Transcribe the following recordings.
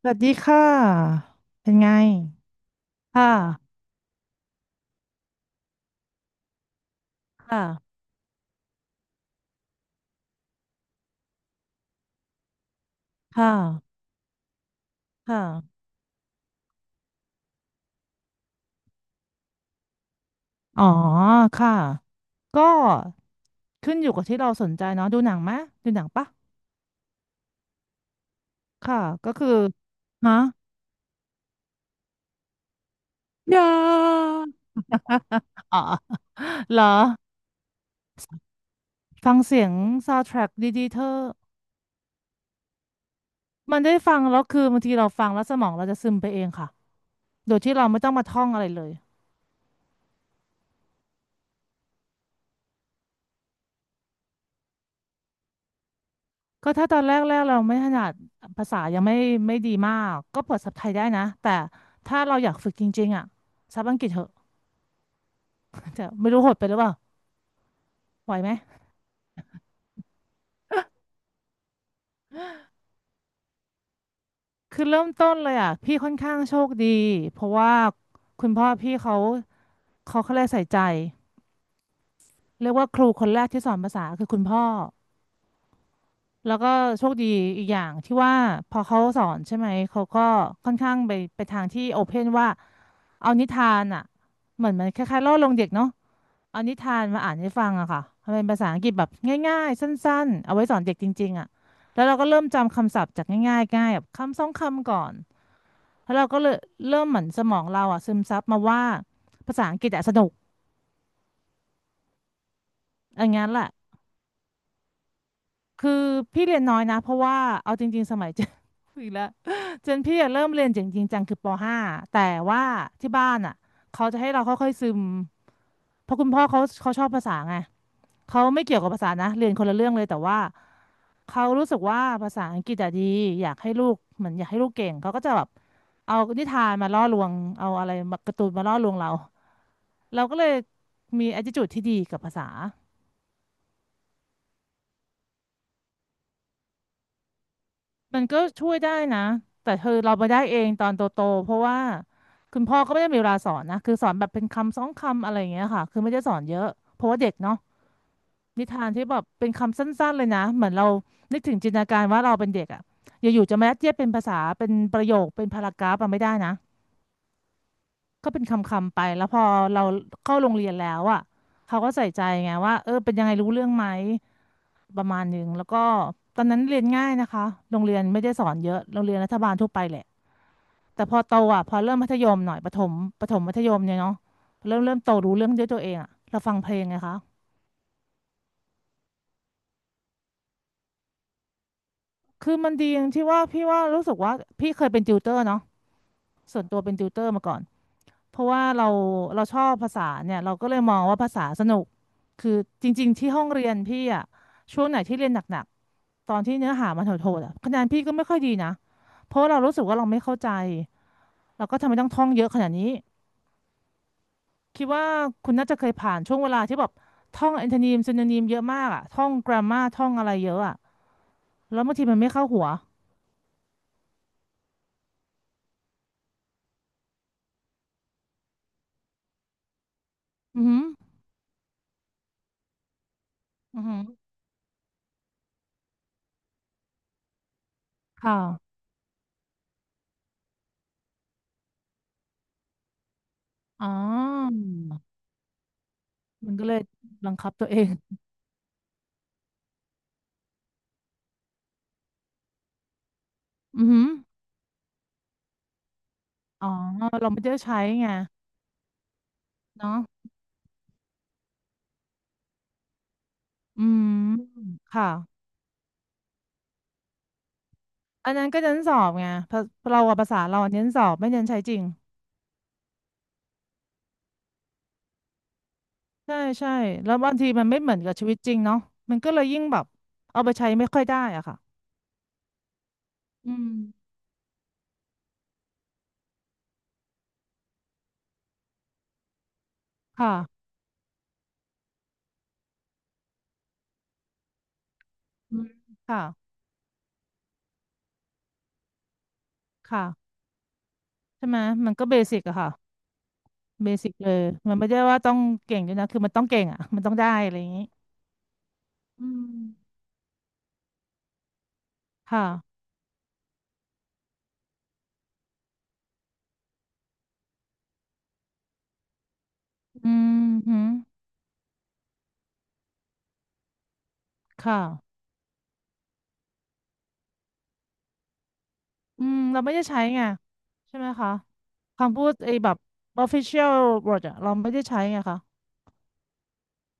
สวัสดีค่ะ เป็นไงค่ะค่ะ ค่ะ ค่ะ อ๋อ ค่ะ ก็ขึ้นอยู่กับที่เราสนใจเนาะดูหนังไหม ดูหนังปะค่ะ ก็คือฮะยาอ๋อเหรอฟังเสียงซาว n d ท r a c k ดีๆเธอมันได้ฟังแล้วคือบางทีเราฟังแล้วสมองเราจะซึมไปเองค่ะ โดยที่เราไม่ต้องมาท่องอะไรเลย ก็ถ้าตอนแรกๆเราไม่ถนัดภาษายังไม่ไม่ดีมากก็เปิดซับไทยได้นะแต่ถ้าเราอยากฝึกจริงๆอ่ะซับอังกฤษเถอะจะไม่รู้โหดไปหรือเปล่าไหวไหมคือเริ่มต้นเลยอ่ะพี่ค่อนข้างโชคดีเพราะว่าคุณพ่อพี่เขาเรียกใส่ใจเรียกว่าครูคนแรกที่สอนภาษาคือคุณพ่อแล้วก็โชคดีอีกอย่างที่ว่าพอเขาสอนใช่ไหมเขาก็ค่อนข้างไปทางที่โอเพนว่าเอานิทานอ่ะเหมือนมันคล้ายๆล่อลวงเด็กเนาะ เอานิทานมาอ่านให้ฟังอะค่ะมันเป็นภาษาอังกฤษแบบง่ายๆสั้นๆเอาไว้สอนเด็กจริงๆอะแล้วเราก็เริ่มจำคำศัพท์จากง่ายๆง่ายแบบคำสองคำก่อนแล้วเราก็เลยเริ่มเหมือนสมองเราอะซึมซับมาว่าภาษาอังกฤษอะสนุกอย่างนั้นแหละคือพี่เรียนน้อยนะเพราะว่าเอาจริงๆสมัยเจน อีกแล้วเจนพี่อะเริ่มเรียนจริงๆจังคือป .5 แต่ว่าที่บ้านอะเขาจะให้เราค่อยๆซึมเพราะคุณพ่อเขาชอบภาษาไงเขาไม่เกี่ยวกับภาษานะเรียนคนละเรื่องเลยแต่ว่า เขารู้สึกว่าภาษาอังกฤษอะดีอยากให้ลูกเหมือนอยากให้ลูกเก่งเขาก็จะแบบเอานิทานมาล่อลวงเอาอะไรมาการ์ตูนมาล่อลวงเราเราก็เลยมี attitude ที่ดีกับภาษามันก็ช่วยได้นะแต่คือเราไปได้เองตอนโตๆเพราะว่าคุณพ่อก็ไม่ได้มีเวลาสอนนะคือสอนแบบเป็นคำสองคำอะไรอย่างเงี้ยค่ะคือไม่ได้สอนเยอะเพราะว่าเด็กเนาะนิทานที่แบบเป็นคำสั้นๆเลยนะเหมือนเรานึกถึงจินตนาการว่าเราเป็นเด็กอะอยู่ๆจะมายัดเยียดเป็นภาษาเป็นประโยคเป็นพารากราฟอะไม่ได้นะ ก็เป็นคำๆไปแล้วพอเราเข้าโรงเรียนแล้วอ่ะเขาก็ใส่ใจไงว่าเออเป็นยังไงรู้เรื่องไหมประมาณหนึ่งแล้วก็ตอนนั้นเรียนง่ายนะคะโรงเรียนไม่ได้สอนเยอะโรงเรียนรัฐบาลทั่วไปแหละแต่พอโตอ่ะพอเริ่มมัธยมหน่อยประถมประถมมัธยมเนี่ยเนาะเริ่มโตรู้เรื่องด้วยตัวเองอ่ะเราฟังเพลงไงคะคือมันดีอย่างที่ว่าพี่ว่ารู้สึกว่าพี่เคยเป็นติวเตอร์เนาะส่วนตัวเป็นติวเตอร์มาก่อน เพราะว่าเราชอบภาษาเนี่ยเราก็เลยมองว่าภาษาสนุกคือจริงๆที่ห้องเรียนพี่อะช่วงไหนที่เรียนหนักๆตอนที่เนื้อหามันโหดๆอะคะแนนพี่ก็ไม่ค่อยดีนะเพราะว่าเรารู้สึกว่าเราไม่เข้าใจเราก็ทำไมต้องท่องเยอะขนาดนี้คิดว่าคุณน่าจะเคยผ่านช่วงเวลาที่แบบท่องแอนทนีม y ีนีมเยอะมากอะท่องกรา m มาท่องอะไรเยอะอะแล้วบางทีมันไม่เข้าหัวอือหืออือหือค่ะอ๋อมันก็เลยบังคับตัวเองอือหืออ๋อเราไม่ได้ใช้ไง เนาะอืมค่ะอันนั้นก็เน้นสอบไงภาเราอะภาษาเราเน้นสอบไม่เน้นใช้จริงใช่ใช่แล้วบางทีมันไม่เหมือนกับชีวิตจริงเนาะมันก็เลยยิ่งแบบเอาไปใช้ไม่ค่อยได้อะค่ะอืมค่ะอืมค่ะค่ะใช่ไหมมันก็เบสิกอะค่ะเบสิกเลยมันไม่ได้ว่าต้องเก่งด้วยนะคือมันต้องเก่งอะมันต้องได้อะไรอย่างนี้อืมค่ะอืมหืมค่ะ อืมเราไม่ได้ใช้ไงใช่ไหมคะคำพูดไอ้แบบ official word อะเราไม่ได้ใช้ไงคะ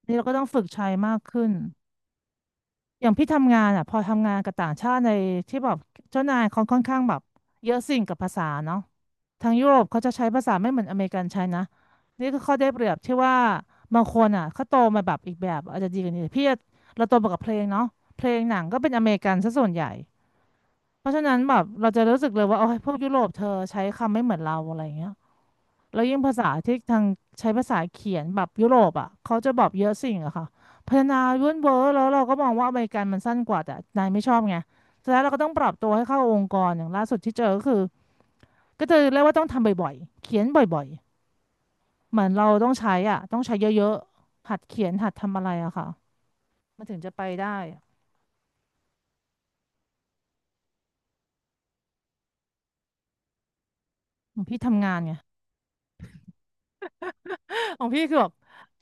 นี่เราก็ต้องฝึกใช้มากขึ้นอย่างพี่ทำงานอะพอทำงานกับต่างชาติในที่แบบเจ้านายเขาค่อนข้างแบบเยอะสิ่งกับภาษาเนาะทางยุโรปเขาจะใช้ภาษาไม่เหมือนอเมริกันใช้นะนี่ก็ข้อได้เปรียบที่ว่าบางคนอ่ะเขาโตมาแบบอีกแบบอาจจะดีกว่านี้พี่อะเราโตมากับเพลงเนาะเพลงหนังก็เป็นอเมริกันซะส่วนใหญ่ เพราะฉะนั้นแบบเราจะรู้สึกเลยว่าโอ้ยพวกยุโรปเธอใช้คำไม่เหมือนเราอะไรเงี้ยแล้วยิ่งภาษาที่ทางใช้ภาษาเขียนแบบยุโรปอ่ะเขาจะบอกเยอะสิ่งอะค่ะพัฒนายุ่นเวอร์แล้วเราก็มองว่าอเมริกันมันสั้นกว่าแต่นายไม่ชอบไงสุดท้ายเราก็ต้องปรับตัวให้เข้าองค์กรอย่างล่าสุดที่เจอก็คือก็เจอเรียกว่าต้องทำบ่อยๆเขียนบ่อยๆเหมือนเราต้องใช้อ่ะต้องใช้เยอะๆหัดเขียนหัดทำอะไรอะค่ะมันถึงจะไปได้พี่ทำงานไง ของพี่คือแบบ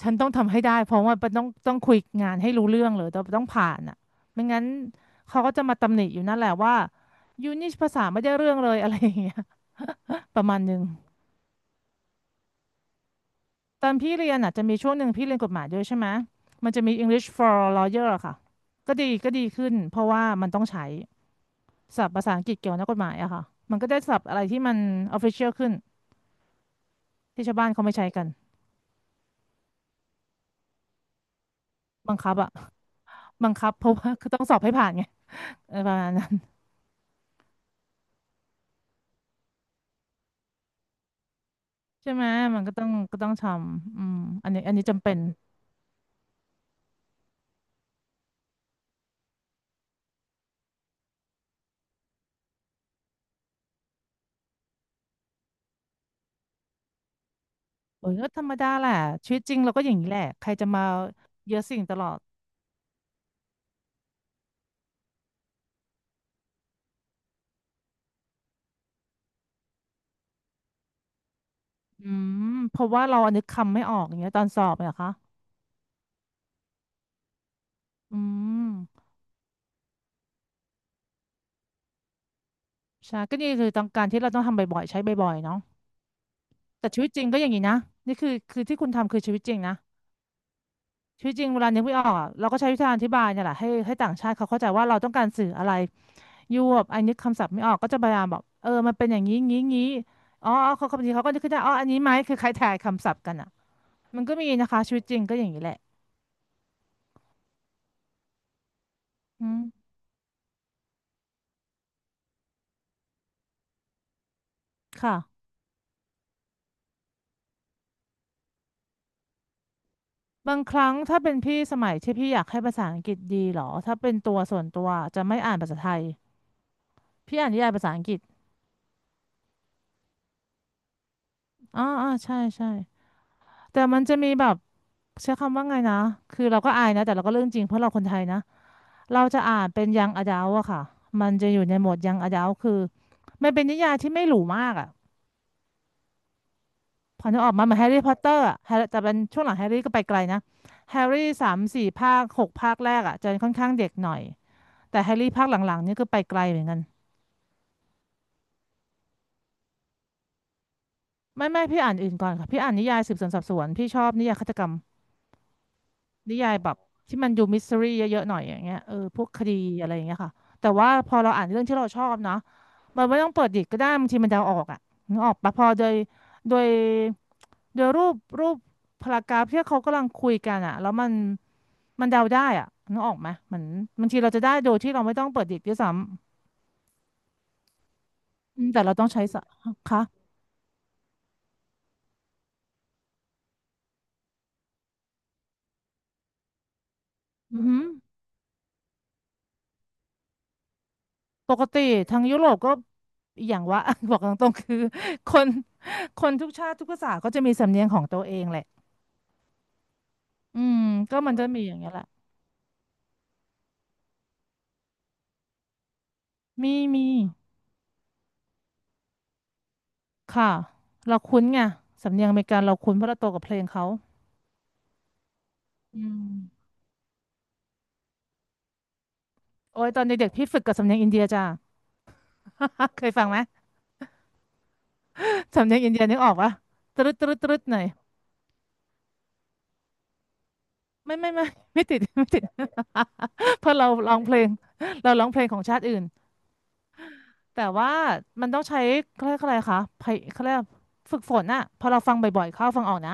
ฉันต้องทำให้ได้เพราะว่าต้องคุยงานให้รู้เรื่องเลยต้องผ่านอ่ะไม่งั้นเขาก็จะมาตำหนิอยู่นั่นแหละว่ายูนี่ภาษาไม่ได้เรื่องเลย อะไรอย่างเงี้ยประมาณหนึงตอนพี่เรียนอ่ะจะมีช่วงหนึ่งพี่เรียนกฎหมายด้วยใช่ไหมมันจะมี English for Lawyer อะค่ะก็ดีขึ้นเพราะว่ามันต้องใช้ศัพท์ภาษาอังกฤษเกี่ยวกับนักกฎหมายอะค่ะมันก็ได้ศัพท์อะไรที่มัน official ขึ้นที่ชาวบ้านเขาไม่ใช้กันบังคับอะบังคับเพราะว่าคือต้องสอบให้ผ่านไงเออประมาณนั้น ใช่ไหมมันก็ต้องทำอืมอันนี้จำเป็นโอ้ยก็ธรรมดาแหละชีวิตจริงเราก็อย่างนี้แหละใครจะมาเยอะสิ่งตลอดอืมเพราะว่าเราอันนึกคำไม่ออกอย่างเงี้ยตอนสอบเนี่ยเหรอคะอืมใช่ก็นี่คือต้องการที่เราต้องทำบ่อยๆใช้บ่อยๆเนาะแต่ชีวิตจริงก็อย่างนี้นะนี่คือที่คุณทำคือชีวิตจริงนะชีวิตจริงเวลานึกไม่ออกอะเราก็ใช้วิธีการอธิบายเนี่ยแหละให้ต่างชาติเขาเข้าใจว่าเราต้องการสื่ออะไร ยวบอันนี้คำศัพท์ไม่ออกก็จะพยายามบอกเออมันเป็นอย่างนี้งี้งี้อ๋ออ๋อเขาบางทีเขาก็นึกขึ้นได้อ๋ออันนี้ไหมคือคล้ายทายคำศัพท์กันอ่ะมันก็มีนะคะชีวิตจริงก็อย่างนี้แหละอืมค่ะบางครั้งถ้าเป็นพี่สมัยที่พี่อยากให้ภาษาอังกฤษดีเหรอถ้าเป็นตัวส่วนตัวจะไม่อ่านภาษาไทยพี่อ่านนิยายภาษาอังกฤษอ๋ออ๋อใช่ใช่แต่มันจะมีแบบใช้คำว่าไงนะคือเราก็อายนะแต่เราก็เรื่องจริงเพราะเราคนไทยนะเราจะอ่านเป็นยังอดัลอะค่ะมันจะอยู่ในโหมดยังอดัลคือมันเป็นนิยายที่ไม่หรูมากอะ พอนึกออกมาเหมือนแฮร์รี่พอตเตอร์อะแฮร์แต่เป็นช่วงหลังแฮร์รี่ก็ไปไกลนะแฮร์รี่สามสี่ภาคหกภาคแรกอ่ะจะค่อนข้างเด็กหน่อยแต่แฮร์รี่ภาคหลังๆนี่ก็ไปไกลเหมือนกันไม่พี่อ่านอื่นก่อนค่ะพี่อ่านนิยายสืบสวนสอบสวนพี่ชอบนิยายฆาตกรรมนิยายแบบที่มันดูมิส t ต r ี่เยอะๆหน่อยอย่างเงี้ยเออพวกคดีอะไรอย่างเงี้ยค่ะแต่ว่าพอเราอ่านเรื่องที่เราชอบเนาะมันไม่ต้องเปิดดิกก็ได้บางทีมันเดาออกอ่ะนึกออกปะพอโดยโดยรูปพารากราฟที่เขากำลังคุยกันอ่ะแล้วมัน มันเดาได้อะนึกออกไหมเหมือนบางทีเราจะได้โดยที่เราไม่ต้องเปิดดิกด้วยซ้ำอืมแต่เราต้องใช้สะคะอือหือปกติทางยุโรปก็อกอย่างว่า บอกตรงๆคือคนคนทุกชาติทุกภาษาก็จะมีสำเนียงของตัวเองแหละอืมก็มันจะมีอย่างเงี้ยแหละมีค่ะ เราคุ้นไงสำเนียงอเมริกันเราคุ้นเพราะเราโตกับเพลงเขาอืมโอ้ยตอนเด็กๆพี่ฝึกกับสำเนียงอินเดียจ้า เคยฟังไหมสำเนียงอินเดียนึกออกปะตรึดตรึดตรึดหน่อย ไม่ไม่ติด ไม่ติด เพราะเราร้องเพลงเราร้องเพลงของชาติอื่นแต่ว่ามันต้องใช้เขาเรียกอะไรคะไพยเขาเรียกฝึกฝนอะพอเราฟังบ่อยๆเข้าฟังออกนะ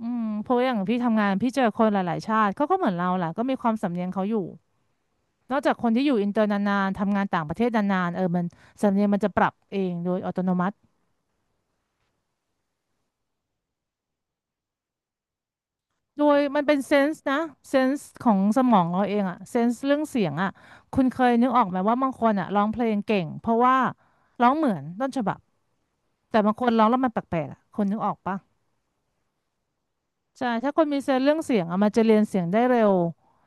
อืมเพราะว่าอย่างพี่ทำงานพี่เจอคนหลายๆชาติเขาก็เหมือนเราแหละก็มีความสำเนียงเขาอยู่นอกจากคนที่อยู่อินเตอร์นานๆทำงานต่างประเทศนานๆเออมันสำเนียงมันจะปรับเองโดยอัตโนมัติ โดยมันเป็นเซนส์นะเซนส์ของสมองเราเองอะเซนส์เรื่องเสียงอะคุณเคยนึกออกไหมว่าบางคนอะร้องเพลงเก่งเพราะว่าร้องเหมือนต้นฉบับแต่บางคนร้องแล้วมันแปลกๆอะคนนึกออกปะใช่ถ้าคนมีเซนส์เรื่องเสียงอะมันจะเรียนเสียงได้เร็ว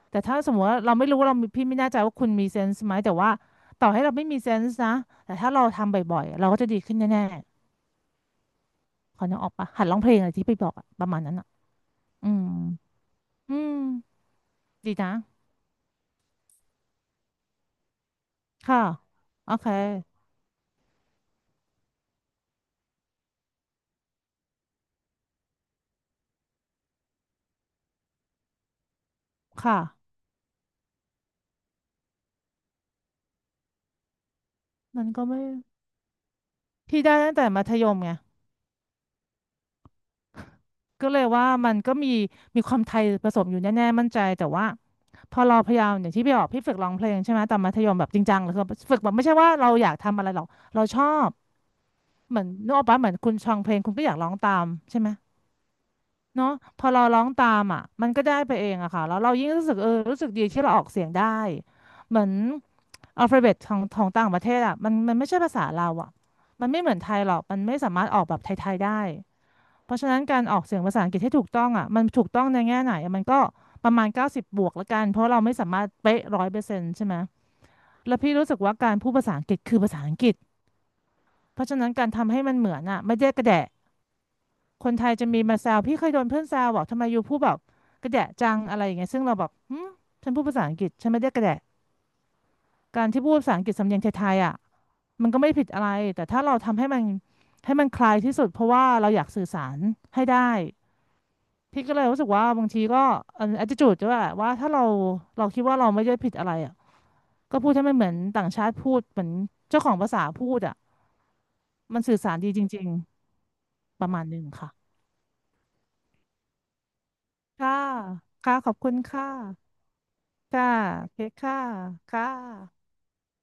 แต่ถ้าสมมติว่าเราไม่รู้ว่าเรามีพี่ไม่แน่ใจว่าคุณมีเซนส์ไหมแต่ว่าต่อให้เราไม่มีเซนส์นะแต่ถ้าเราทำบ่อยๆเราก็จะดีขึ้นแน่ๆคนนึกออกปะหัดร้องเพลงอะไรที่ไปบอกอะประมาณนั้นอะอืมอืมดีนะค่ะโอเคค่ะ มันก็ไม่พี่ได้ตั้งแต่มัธยมไงก็เลยว่ามันก็มีความไทยผสมอยู่แน่ๆมั่นใจแต่ว่าพอเราพยายามอย่างที่พี่บอกพี่ฝึกร้องเพลงใช่ไหมตอนมัธยมแบบจริงจังเลยคือฝึกแบบไม่ใช่ว่าเราอยากทำอะไรหรอกเราชอบเหมือนนึกออกปะเหมือนคุณฟังเพลงคุณก็อยากร้องตามใช่ไหมเนาะพอเราร้องตามอ่ะมันก็ได้ไปเองอะค่ะแล้วเรายิ่งรู้สึกเออรู้สึกดีที่เราออกเสียงได้เหมือนอัลฟาเบตของต่างประเทศอะมันไม่ใช่ภาษาเราอะมันไม่เหมือนไทยหรอกมันไม่สามารถออกแบบไทยๆได้ เพราะฉะนั้นการออกเสียงภาษาอังกฤษให้ถูกต้องอ่ะมันถูกต้องในแง่ไหนอะมันก็ประมาณ90บวกละกันเพราะเราไม่สามารถเป๊ะ100%ใช่ไหมแล้วพี่รู้สึกว่าการพูดภาษาอังกฤษคือภาษาอังกฤษเพราะฉะนั้นการทำให้มันเหมือนอ่ะไม่ได้กระแดะคนไทยจะมีมาแซวพี่เคยโดนเพื่อนแซวบอกทำไมยูพูดแบบกระแดะจังอะไรอย่างเงี้ยซึ่งเราบอกหืมฉันพูดภาษาอังกฤษฉันไม่ได้กระแดะการที่พูดภาษาอังกฤษสำเนียงไทยๆอ่ะมันก็ไม่ผิดอะไรแต่ถ้าเราทำให้มันให้มันคลายที่สุดเพราะว่าเราอยากสื่อสารให้ได้ พี่ก็เลยรู้สึกว่าบางทีก็อัน attitude ด้วยว่าถ้าเราเราคิดว่าเราไม่ได้ผิดอะไรอ่ะก็พูดให้มันเหมือนต่างชาติพูดเหมือนเจ้าของภาษาพูดอ่ะมันสื่อสารดีจริงๆประมาณหนึ่งค่ะค่ะค่ะขอบคุณค่ะค่ะโอเคค่ะค่ะ